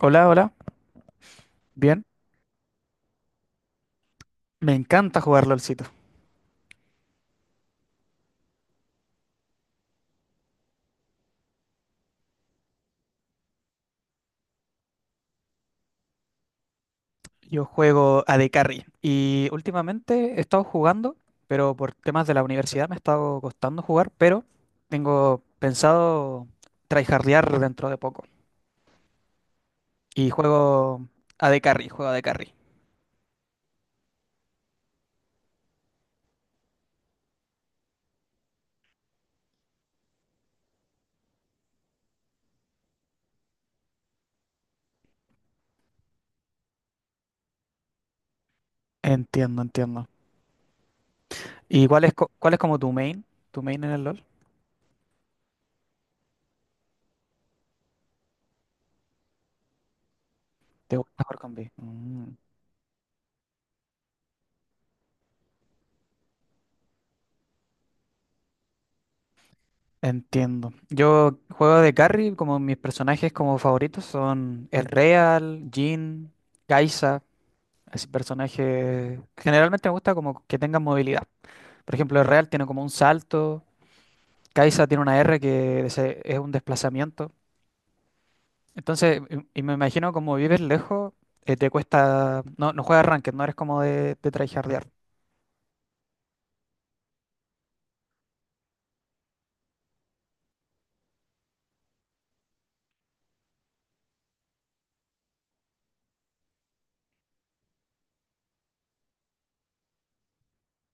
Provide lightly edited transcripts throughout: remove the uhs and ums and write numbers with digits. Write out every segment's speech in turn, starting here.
Hola, hola. Bien. Me encanta jugar LOLcito. Yo juego a AD Carry y últimamente he estado jugando, pero por temas de la universidad me ha estado costando jugar, pero tengo pensado tryhardear dentro de poco. Y juego a AD Carry, juego a AD Carry. Entiendo, entiendo. ¿Y cuál es, cuál es como tu main? ¿Tu main en el LOL? ¿Te gusta jugar con B? Entiendo. Yo juego de carry, como mis personajes como favoritos son el Real, Jhin, Kai'Sa. Así personaje generalmente me gusta como que tengan movilidad. Por ejemplo, el Real tiene como un salto. Kai'Sa tiene una R que es un desplazamiento. Entonces, y me imagino como vives lejos, te cuesta. No, no juegas ranked, no eres como de tryhardear.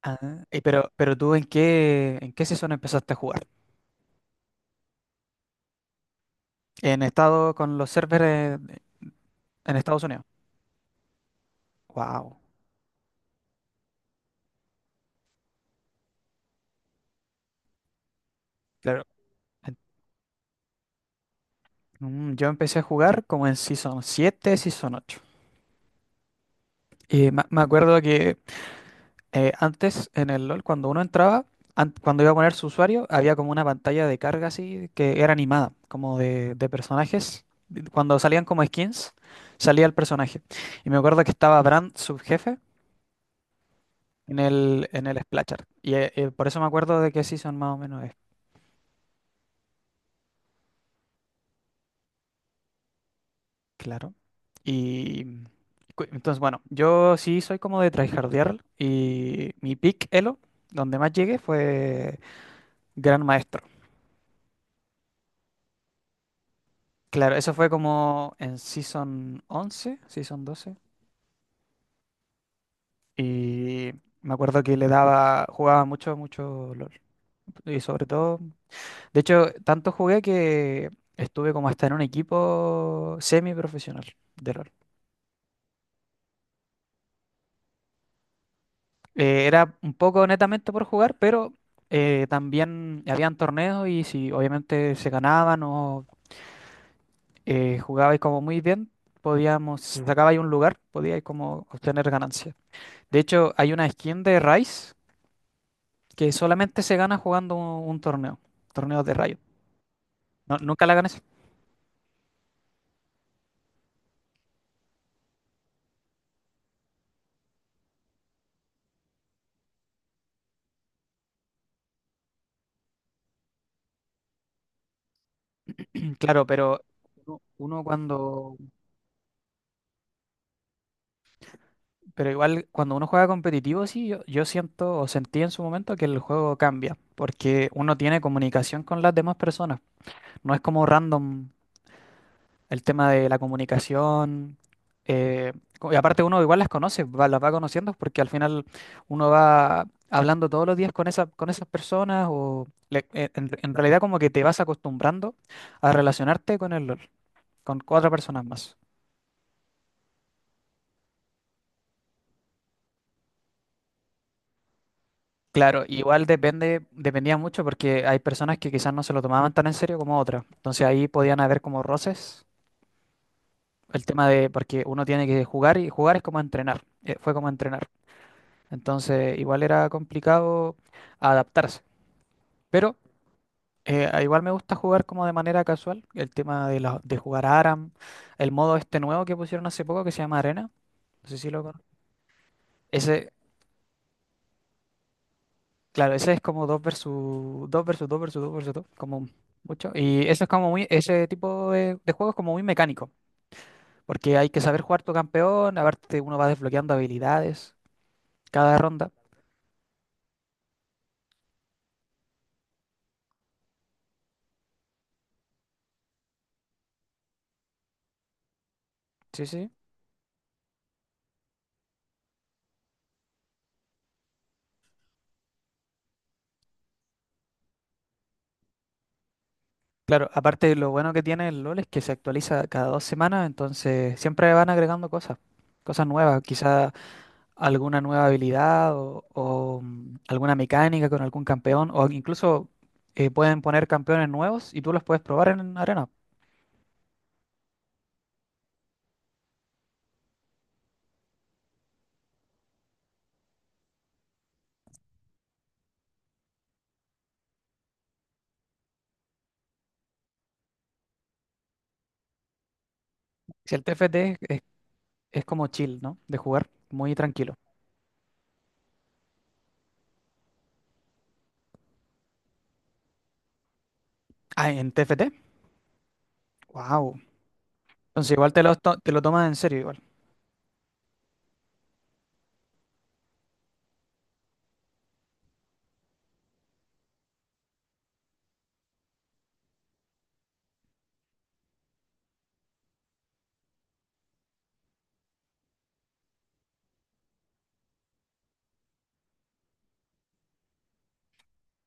Ah, y pero tú en qué, ¿en qué season empezaste a jugar? En estado con los servers de- en Estados Unidos. Wow. Claro. En- Yo empecé a jugar como en Season 7, Season 8. Y me acuerdo que antes en el LOL, cuando uno entraba, cuando iba a poner su usuario, había como una pantalla de carga así que era animada, como de personajes. Cuando salían como skins, salía el personaje. Y me acuerdo que estaba Brand, subjefe, en el Splashart. Y por eso me acuerdo de qué season más o menos es, claro. Y entonces, bueno, yo sí soy como de tryhardear y mi pick elo, donde más llegué, fue Gran Maestro. Claro, eso fue como en Season 11, Season 12. Y me acuerdo que le daba, jugaba mucho, mucho LOL. Y sobre todo, de hecho, tanto jugué que estuve como hasta en un equipo semiprofesional de LOL. Era un poco netamente por jugar, pero también habían torneos y si obviamente se ganaban o jugabais como muy bien, podíamos, si sacabais un lugar, podíais como obtener ganancias. De hecho, hay una skin de Rice que solamente se gana jugando un torneo, torneos de Riot. No, nunca la ganas. Claro, pero uno, uno cuando, pero igual cuando uno juega competitivo, sí, yo siento o sentí en su momento que el juego cambia, porque uno tiene comunicación con las demás personas, no es como random. El tema de la comunicación. eh, y aparte uno igual las conoce, las va conociendo porque al final uno va hablando todos los días con esa, con esas personas o en realidad como que te vas acostumbrando a relacionarte con el, LOL, con 4 personas más. Claro, igual depende, dependía mucho porque hay personas que quizás no se lo tomaban tan en serio como otras. Entonces ahí podían haber como roces. El tema de, porque uno tiene que jugar y jugar es como entrenar. Fue como entrenar. Entonces, igual era complicado adaptarse. Pero igual me gusta jugar como de manera casual. El tema de, de jugar a ARAM, el modo este nuevo que pusieron hace poco que se llama Arena. No sé si lo conoces. Ese, claro, ese es como 2 versus 2 versus 2 versus 2 versus 2 como mucho. Y eso es como muy, ese tipo de juego es como muy mecánico, porque hay que saber jugar tu campeón, a ver, uno va desbloqueando habilidades cada ronda. Sí, sí. Claro, aparte lo bueno que tiene el LOL es que se actualiza cada 2 semanas, entonces siempre van agregando cosas, cosas nuevas, quizá alguna nueva habilidad o, alguna mecánica con algún campeón, o incluso pueden poner campeones nuevos y tú los puedes probar en arena. Si el TFT es, es como chill, ¿no? De jugar muy tranquilo. Ah, en TFT, wow. Entonces igual te lo, te lo tomas en serio.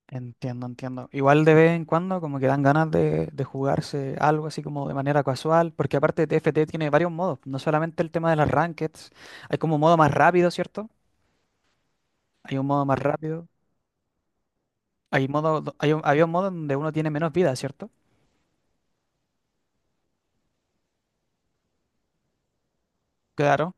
Entiendo, entiendo. Igual de vez en cuando como que dan ganas de jugarse algo así como de manera casual, porque aparte TFT tiene varios modos, no solamente el tema de las rankeds, hay como un modo más rápido, ¿cierto? Hay un modo más rápido, hay modo, hay un, había un modo donde uno tiene menos vida, ¿cierto? Claro,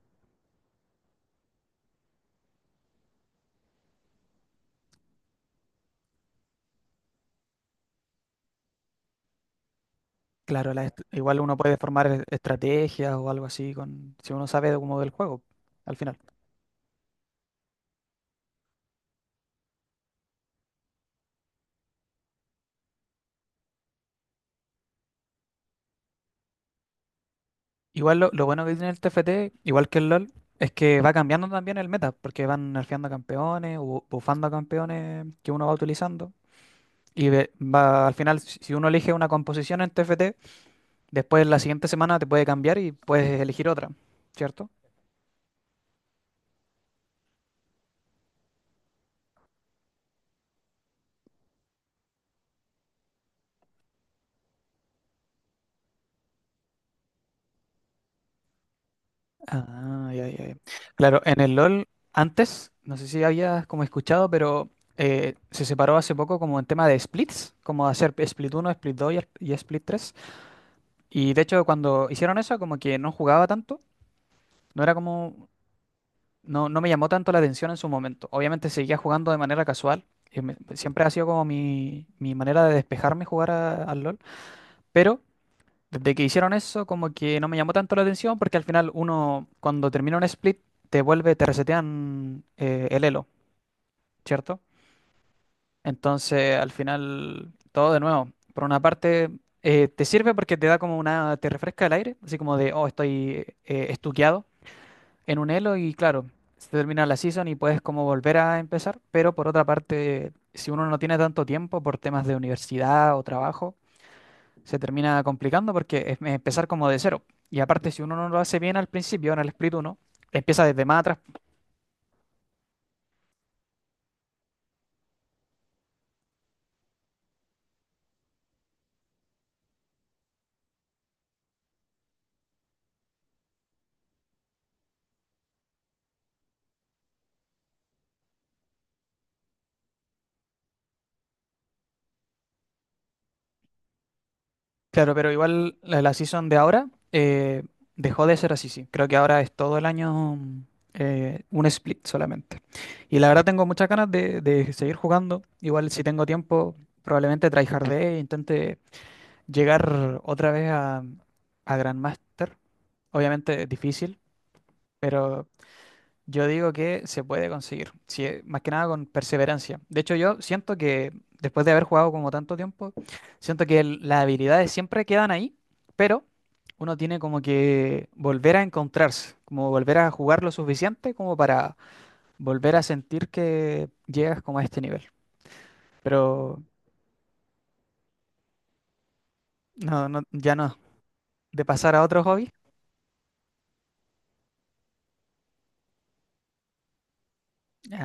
claro, la igual uno puede formar estrategias o algo así con, si uno sabe de cómo del juego, al final. Igual lo bueno que tiene el TFT, igual que el LOL, es que va cambiando también el meta, porque van nerfeando a campeones o buffando a campeones que uno va utilizando. Y al final, si uno elige una composición en TFT, después la siguiente semana te puede cambiar y puedes elegir otra, ¿cierto? Ah, ya, ya, ya. Claro, en el LOL, antes, no sé si habías como escuchado, pero se separó hace poco como en tema de splits, como hacer split 1, split 2 y split 3. Y de hecho, cuando hicieron eso, como que no jugaba tanto. No era como, no, no me llamó tanto la atención en su momento. Obviamente seguía jugando de manera casual. Y siempre ha sido como mi manera de despejarme jugar al LOL. Pero desde que hicieron eso, como que no me llamó tanto la atención porque al final uno, cuando termina un split, te vuelve, te resetean el elo, ¿cierto? Entonces al final todo de nuevo. Por una parte te sirve porque te da como una, te refresca el aire, así como de, oh, estoy estuqueado, en un elo y claro, se termina la season y puedes como volver a empezar, pero por otra parte, si uno no tiene tanto tiempo por temas de universidad o trabajo, se termina complicando porque es empezar como de cero. Y aparte, si uno no lo hace bien al principio, en el split 1 empieza desde más atrás. Claro, pero igual la, la season de ahora dejó de ser así, sí. Creo que ahora es todo el año un split solamente. Y la verdad tengo muchas ganas de seguir jugando. Igual si tengo tiempo, probablemente tryhardé e intente llegar otra vez a Grandmaster. Obviamente es difícil, pero yo digo que se puede conseguir, si más que nada con perseverancia. De hecho, yo siento que después de haber jugado como tanto tiempo, siento que las habilidades siempre quedan ahí, pero uno tiene como que volver a encontrarse, como volver a jugar lo suficiente como para volver a sentir que llegas como a este nivel. Pero no, no, ya no, de pasar a otro hobby,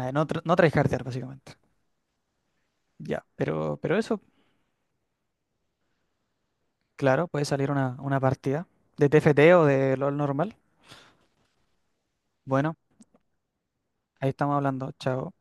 a no, no tryhardear básicamente. Ya, pero eso, claro, puede salir una partida de TFT o de LOL normal. Bueno, ahí estamos hablando. Chao.